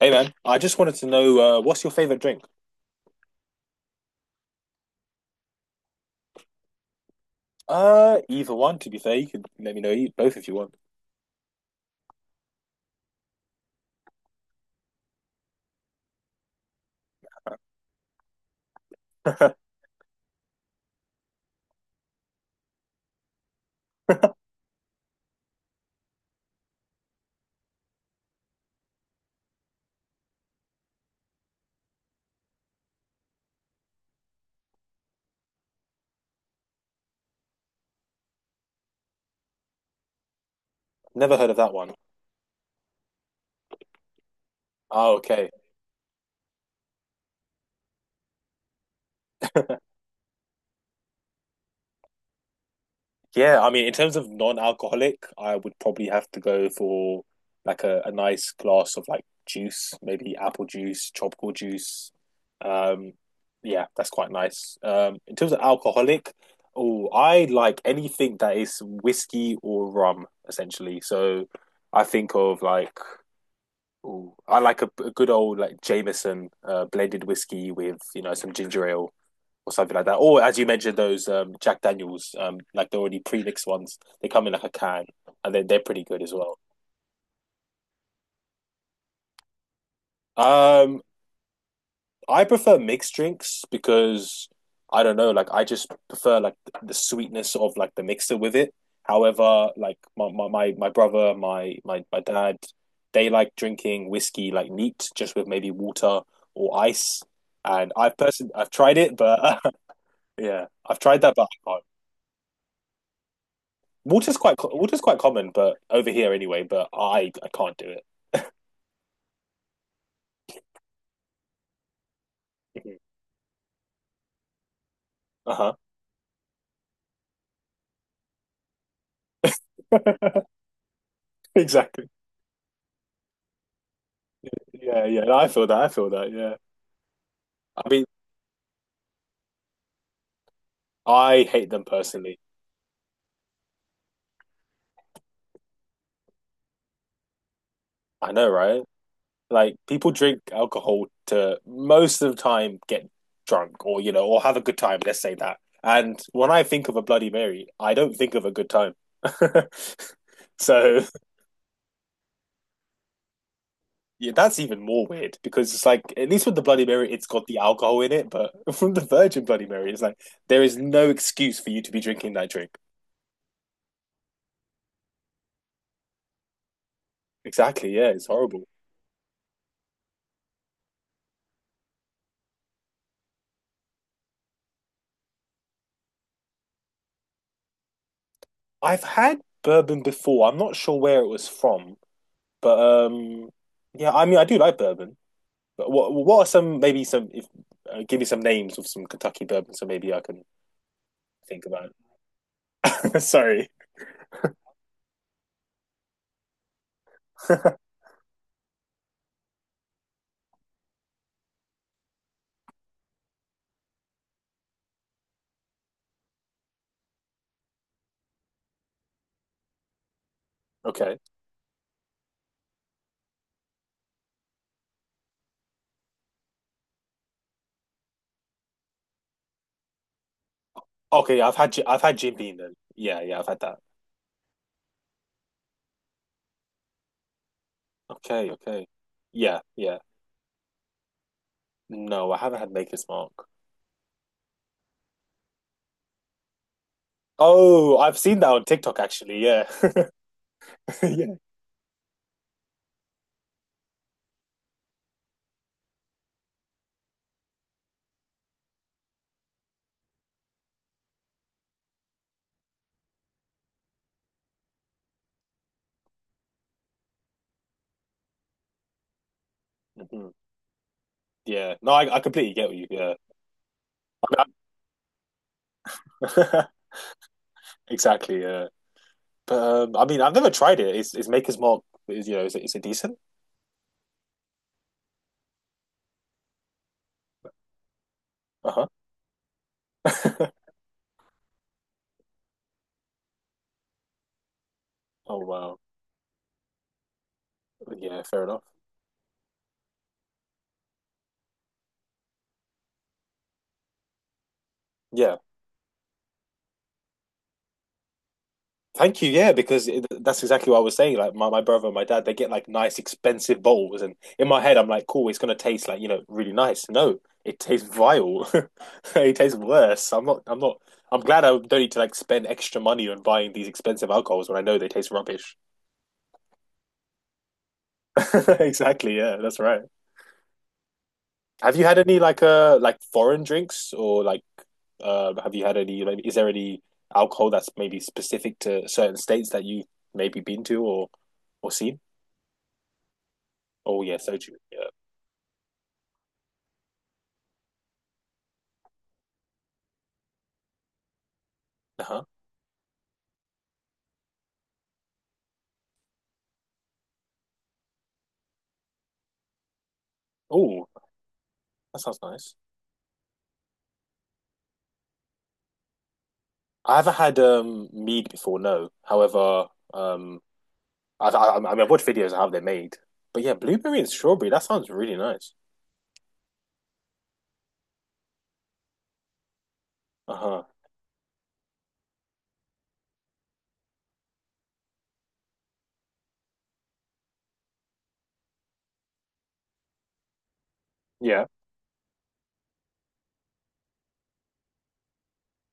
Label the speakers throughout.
Speaker 1: Hey man, I just wanted to know what's your favorite drink? Either one, to be fair. You could let me know both if you want. Never heard of that one. Oh, okay. Yeah, I mean, in terms of non-alcoholic, I would probably have to go for like a nice glass of like juice, maybe apple juice, tropical juice. Um, yeah, that's quite nice. In terms of alcoholic, oh, I like anything that is whiskey or rum, essentially. So I think of like ooh, I like a good old like Jameson blended whiskey with you know some ginger ale or something like that. Or as you mentioned, those Jack Daniels, like the already pre-mixed ones, they come in like a can, and then they're pretty good as well. Um, I prefer mixed drinks because I don't know, like I just prefer like the sweetness of like the mixer with it. However, like my brother, my dad, they like drinking whiskey like neat, just with maybe water or ice. And I've tried it, but yeah, I've tried that, but I can't. Water's quite common, but over here anyway. But I can't do it. Mhm. Uh-huh. Exactly. Yeah, yeah. I feel that. I feel that. Yeah. I mean, I hate them personally. I know, right? Like people drink alcohol to most of the time get drunk or you know or have a good time, let's say that. And when I think of a Bloody Mary, I don't think of a good time. So yeah, that's even more weird because it's like at least with the Bloody Mary, it's got the alcohol in it, but from the Virgin Bloody Mary, it's like there is no excuse for you to be drinking that drink. Exactly, yeah, it's horrible. I've had bourbon before. I'm not sure where it was from, but um yeah, I mean I do like bourbon. But what are some maybe some if give me some names of some Kentucky bourbon so maybe I can think about it. Sorry. Okay. Okay, I've had Ji- I've had Jim Beam then. Yeah, yeah, I've had that. Okay, okay. Yeah, yeah. No, I haven't had Maker's Mark. Oh, I've seen that on TikTok actually. Yeah. Yeah. Hmm. Yeah. No, I completely get what you yeah. I mean, I- exactly, yeah. But I mean, I've never tried it. Is Maker's Mark is you know, is it decent? Uh-huh. Oh wow. Yeah, fair enough. Yeah. Thank you. Yeah, because that's exactly what I was saying. Like my brother and my dad, they get like nice, expensive bowls, and in my head, I'm like, cool, it's gonna taste like you know really nice. No, it tastes vile. It tastes worse. I'm not. I'm not. I'm glad I don't need to like spend extra money on buying these expensive alcohols when I know they taste rubbish. Exactly. Yeah, that's right. Have you had any like foreign drinks or like have you had any? Like, is there any alcohol that's maybe specific to certain states that you maybe been to or seen? Oh yeah, so true. Yeah. Uh-huh. Oh, that sounds nice. I haven't had mead before, no. However, um, I mean, I've watched videos of how they're made, but yeah, blueberry and strawberry. That sounds really nice. Uh-huh. Yeah.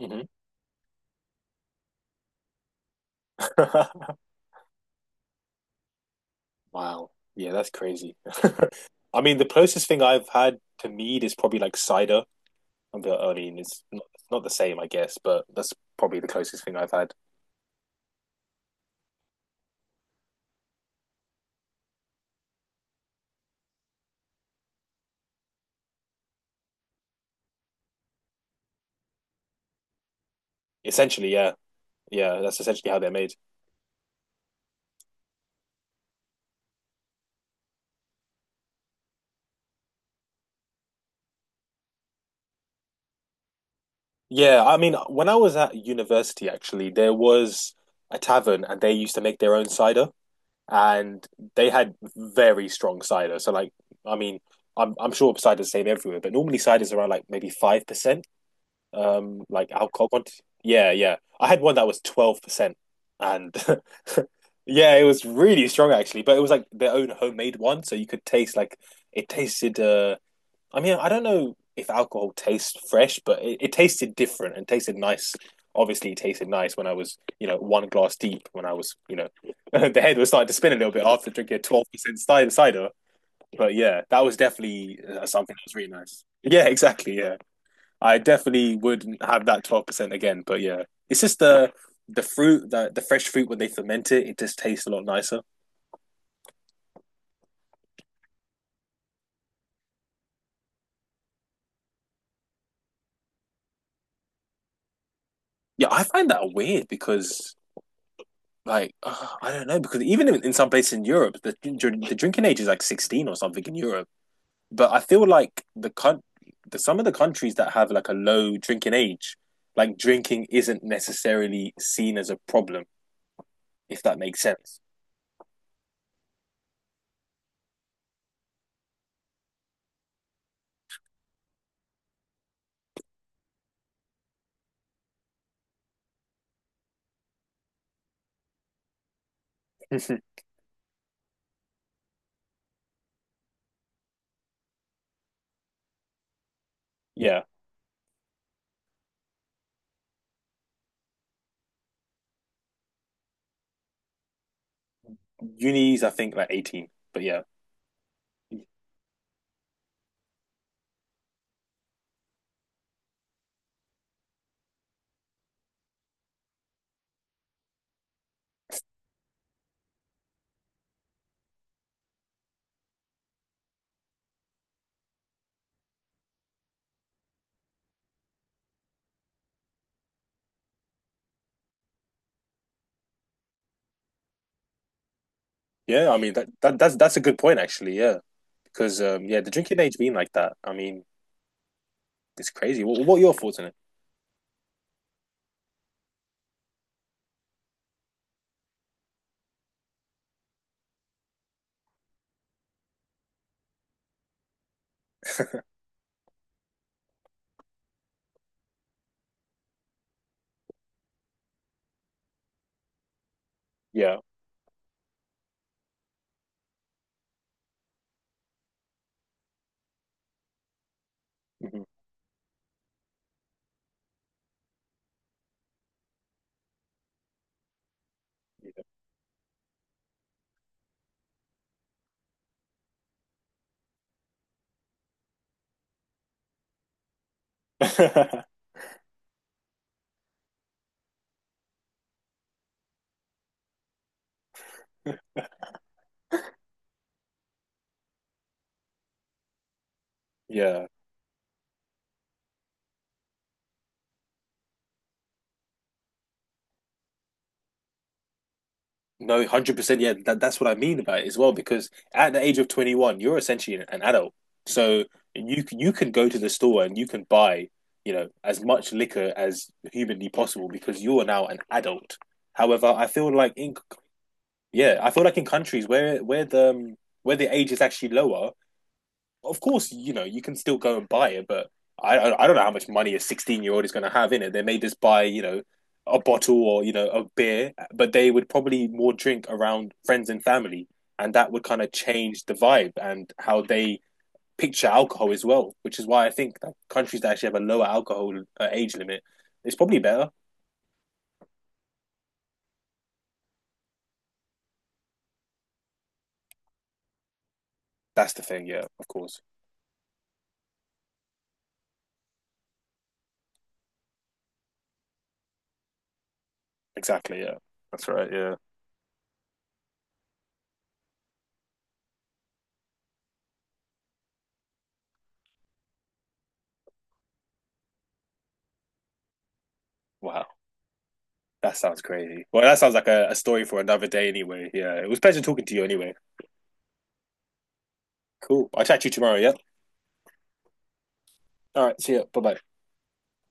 Speaker 1: Hmm. Wow. Yeah, that's crazy. I mean, the closest thing I've had to mead is probably like cider. I mean, it's not the same, I guess, but that's probably the closest thing I've had. Essentially, yeah, yeah, that's essentially how they're made. Yeah, I mean, when I was at university, actually, there was a tavern and they used to make their own cider and they had very strong cider. So like, I mean, I'm sure cider's the same everywhere, but normally cider's around like maybe 5%, like alcohol content. Yeah, yeah. I had one that was 12% and yeah, it was really strong actually, but it was like their own homemade one, so you could taste like it tasted I mean, I don't know if alcohol tastes fresh, but it tasted different and tasted nice. Obviously, it tasted nice when I was, you know, one glass deep. When I was, you know, the head was starting to spin a little bit after drinking 12% cider. But yeah, that was definitely something that was really nice. Yeah, exactly. Yeah, I definitely would have that 12% again. But yeah, it's just the fruit, the fresh fruit when they ferment it, it just tastes a lot nicer. Yeah, I find that weird because I don't know because even in some places in Europe, the drinking age is like 16 or something in Europe. But I feel like the, some of the countries that have like a low drinking age, like drinking isn't necessarily seen as a problem, if that makes sense. Yeah, unis I think like 18, but yeah, yeah. I mean that's a good point actually. Yeah, because yeah, the drinking age being like that, I mean it's crazy. What are your thoughts on it? Yeah. Mhm. Yeah. Yeah. No, 100%. Yeah, that's what I mean about it as well. Because at the age of 21, you're essentially an adult. So you can go to the store and you can buy, you know, as much liquor as humanly possible because you are now an adult. However, I feel like in yeah, I feel like in countries where the age is actually lower, of course, you know, you can still go and buy it, but I don't know how much money a 16-year-old is going to have in it. They may just buy, you know, a bottle or, you know, a beer, but they would probably more drink around friends and family. And that would kind of change the vibe and how they picture alcohol as well, which is why I think that countries that actually have a lower alcohol age limit is probably better. That's the thing. Yeah, of course. Exactly. Yeah. That's right. Yeah. Wow. That sounds crazy. Well, that sounds like a story for another day anyway. Yeah. It was a pleasure talking to you anyway. Cool. I'll chat to you tomorrow, yeah? All right, see ya. Bye bye.